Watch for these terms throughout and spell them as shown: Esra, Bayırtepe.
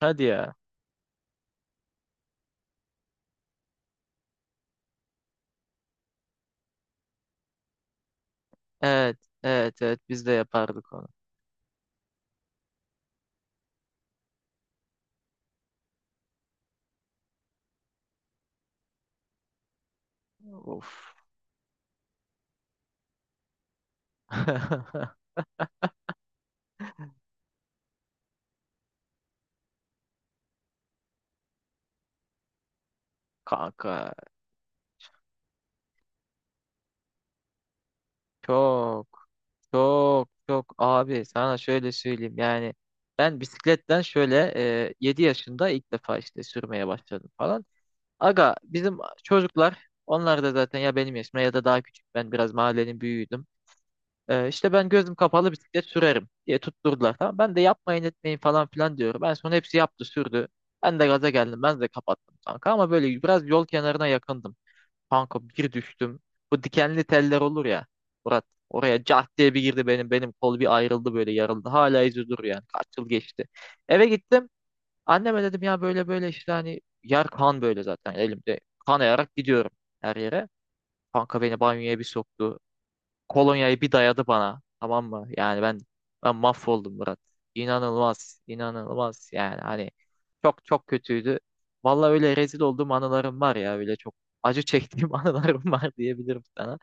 Hadi ya. Evet, evet, evet biz de yapardık onu. Of. Kanka çok çok abi sana şöyle söyleyeyim yani ben bisikletten şöyle 7 yaşında ilk defa işte sürmeye başladım falan. Aga bizim çocuklar onlar da zaten ya benim yaşımda ya da daha küçük, ben biraz mahallenin büyüğüydüm. İşte ben gözüm kapalı bisiklet sürerim diye tutturdular. Tamam. Ben de yapmayın etmeyin falan filan diyorum. En son hepsi yaptı sürdü. Ben de gaza geldim. Ben de kapattım kanka, ama böyle biraz yol kenarına yakındım. Kanka bir düştüm. Bu dikenli teller olur ya. Murat oraya cart diye bir girdi benim. Benim kol bir ayrıldı böyle, yarıldı. Hala izi duruyor yani. Kaç yıl geçti. Eve gittim. Anneme dedim ya böyle böyle işte, hani yer kan, böyle zaten elimde. Kanayarak gidiyorum her yere. Kanka beni banyoya bir soktu. Kolonyayı bir dayadı bana. Tamam mı? Yani ben ben mahvoldum Murat. İnanılmaz, inanılmaz yani hani çok kötüydü. Vallahi öyle rezil olduğum anılarım var ya, öyle çok acı çektiğim anılarım var diyebilirim sana.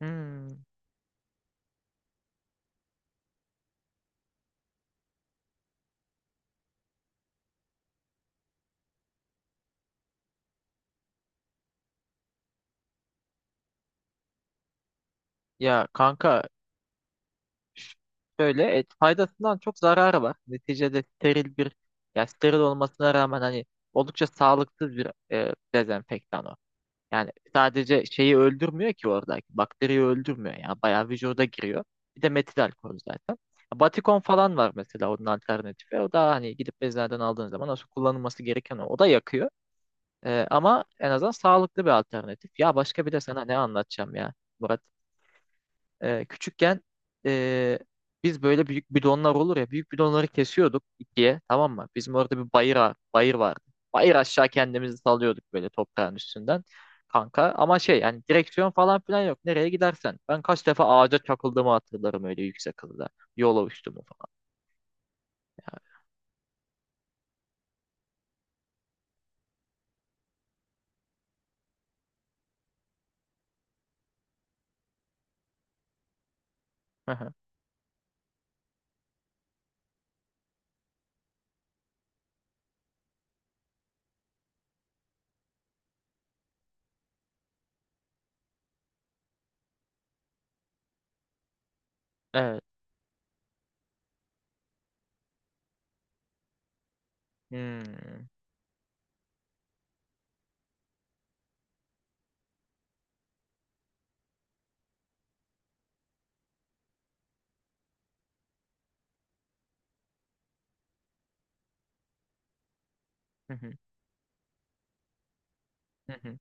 Hmm. Ya kanka, ş- şöyle et, faydasından çok zararı var. Neticede steril bir, ya steril olmasına rağmen hani oldukça sağlıksız bir dezenfektan o. Yani sadece şeyi öldürmüyor ki oradaki. Bakteriyi öldürmüyor. Yani bayağı vücuda giriyor. Bir de metil alkol zaten. Batikon falan var mesela, onun alternatifi. O da hani gidip eczaneden aldığın zaman nasıl kullanılması gereken o. O da yakıyor. Ama en azından sağlıklı bir alternatif. Ya başka bir de sana ne anlatacağım ya Murat. Küçükken ee, biz böyle büyük bidonlar olur ya, büyük bidonları kesiyorduk ikiye, tamam mı? Bizim orada bir bayır, bayır vardı. Bayır aşağı kendimizi salıyorduk böyle toprağın üstünden kanka. Ama şey, yani direksiyon falan filan yok. Nereye gidersen. Ben kaç defa ağaca çakıldığımı hatırlarım öyle yüksek hızda. Yola uçtuğumu falan. Evet. Hmm. Hı hı, hı hı.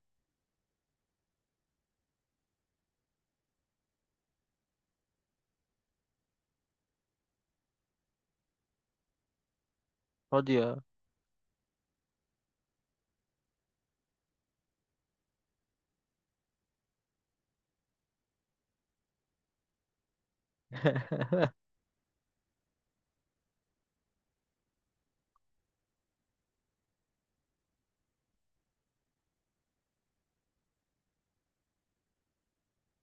Hadi ya.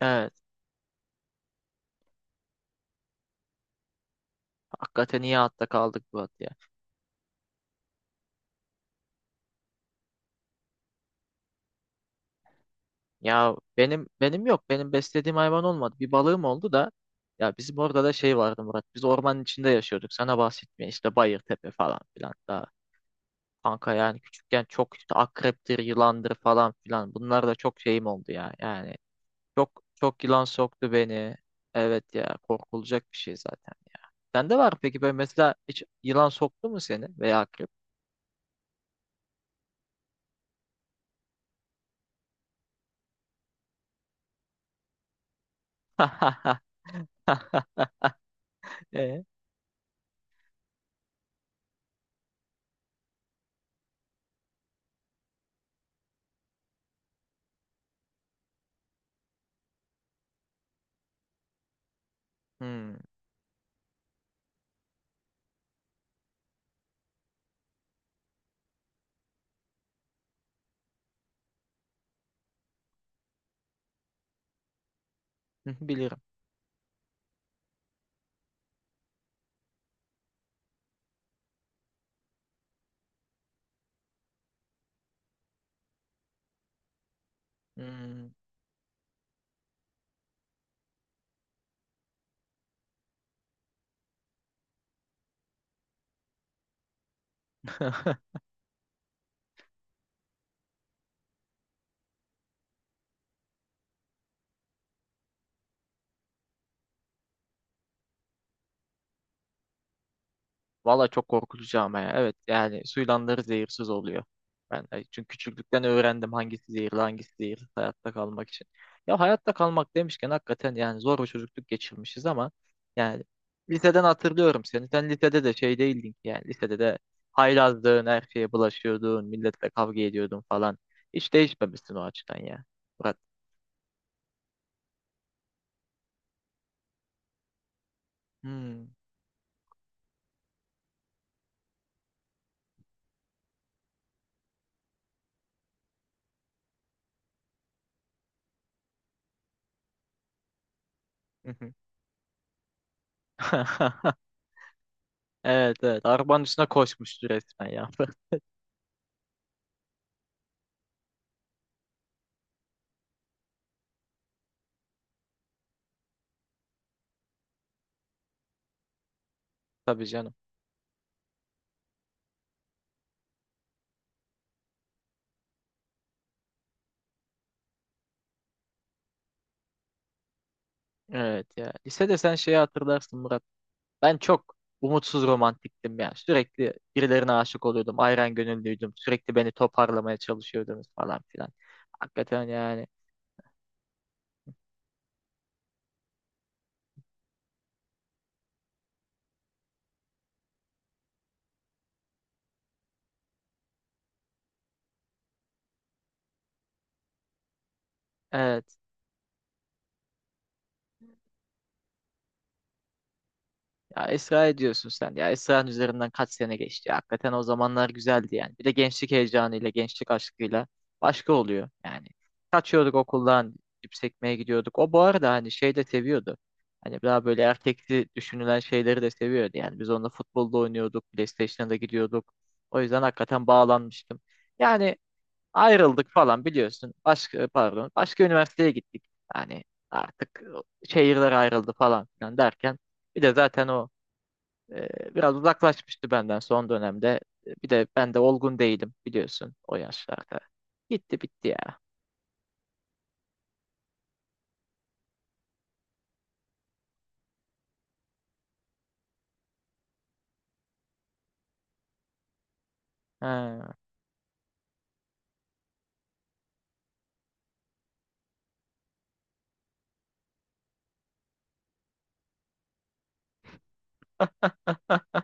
Evet. Hakikaten iyi hatta kaldık bu at ya. Ya benim benim yok. Benim beslediğim hayvan olmadı. Bir balığım oldu da, ya bizim orada da şey vardı Murat. Biz ormanın içinde yaşıyorduk. Sana bahsetmeye işte Bayırtepe falan filan. Daha kanka, yani küçükken çok işte akreptir, yılandır falan filan. Bunlar da çok şeyim oldu ya. Yani çok yılan soktu beni. Evet ya, korkulacak bir şey zaten ya. Sende var mı peki böyle, mesela hiç yılan soktu mu seni veya akrep? E? Hmm. Bilirim. Hmm. Valla çok korkutucu ama ya. Evet, yani suylanları zehirsiz oluyor. Ben de çünkü küçüklükten öğrendim hangisi zehirli hangisi zehirsiz, hayatta kalmak için. Ya hayatta kalmak demişken, hakikaten yani zor bir çocukluk geçirmişiz ama yani liseden hatırlıyorum seni. Sen lisede de şey değildin ki, yani lisede de haylazdın, her şeye bulaşıyordun, milletle kavga ediyordun falan. Hiç değişmemişsin o açıdan ya. Murat. Hmm. Evet evet. Arabanın üstüne koşmuştu resmen ya. Tabii canım. Evet ya. Lisede sen şeyi hatırlarsın Murat. Ben çok umutsuz romantiktim ya. Sürekli birilerine aşık oluyordum. Ayran gönüllüydüm. Sürekli beni toparlamaya çalışıyordunuz falan filan. Hakikaten yani. Evet. Ya Esra'ya diyorsun sen. Ya Esra'nın üzerinden kaç sene geçti. Ya hakikaten o zamanlar güzeldi yani. Bir de gençlik heyecanıyla, gençlik aşkıyla başka oluyor yani. Kaçıyorduk okuldan, cips ekmeye gidiyorduk. O bu arada hani şey de seviyordu. Hani daha böyle erkekli düşünülen şeyleri de seviyordu. Yani biz onunla futbolda oynuyorduk, PlayStation'a da gidiyorduk. O yüzden hakikaten bağlanmıştım. Yani ayrıldık falan biliyorsun. Başka, pardon, başka üniversiteye gittik. Yani artık şehirler ayrıldı falan filan derken. Bir de zaten o e, biraz uzaklaşmıştı benden son dönemde. Bir de ben de olgun değilim biliyorsun o yaşlarda. Gitti bitti ya. Ha.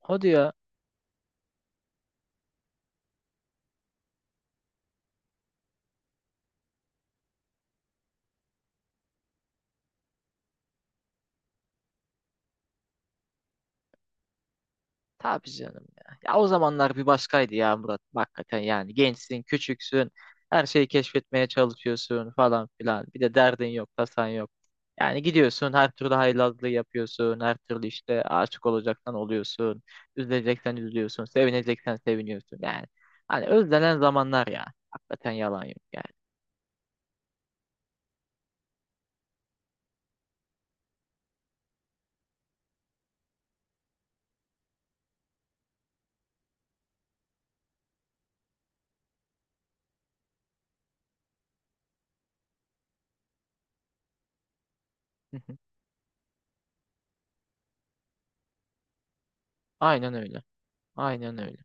Hadi ya. Tabii canım ya. Ya o zamanlar bir başkaydı ya Murat. Hakikaten yani gençsin, küçüksün. Her şeyi keşfetmeye çalışıyorsun falan filan. Bir de derdin yok, tasan yok. Yani gidiyorsun her türlü haylazlığı yapıyorsun. Her türlü işte aşık olacaksan oluyorsun. Üzüleceksen üzülüyorsun. Sevineceksen seviniyorsun. Yani hani özlenen zamanlar ya. Hakikaten yalan yok yani. Aynen öyle. Aynen öyle.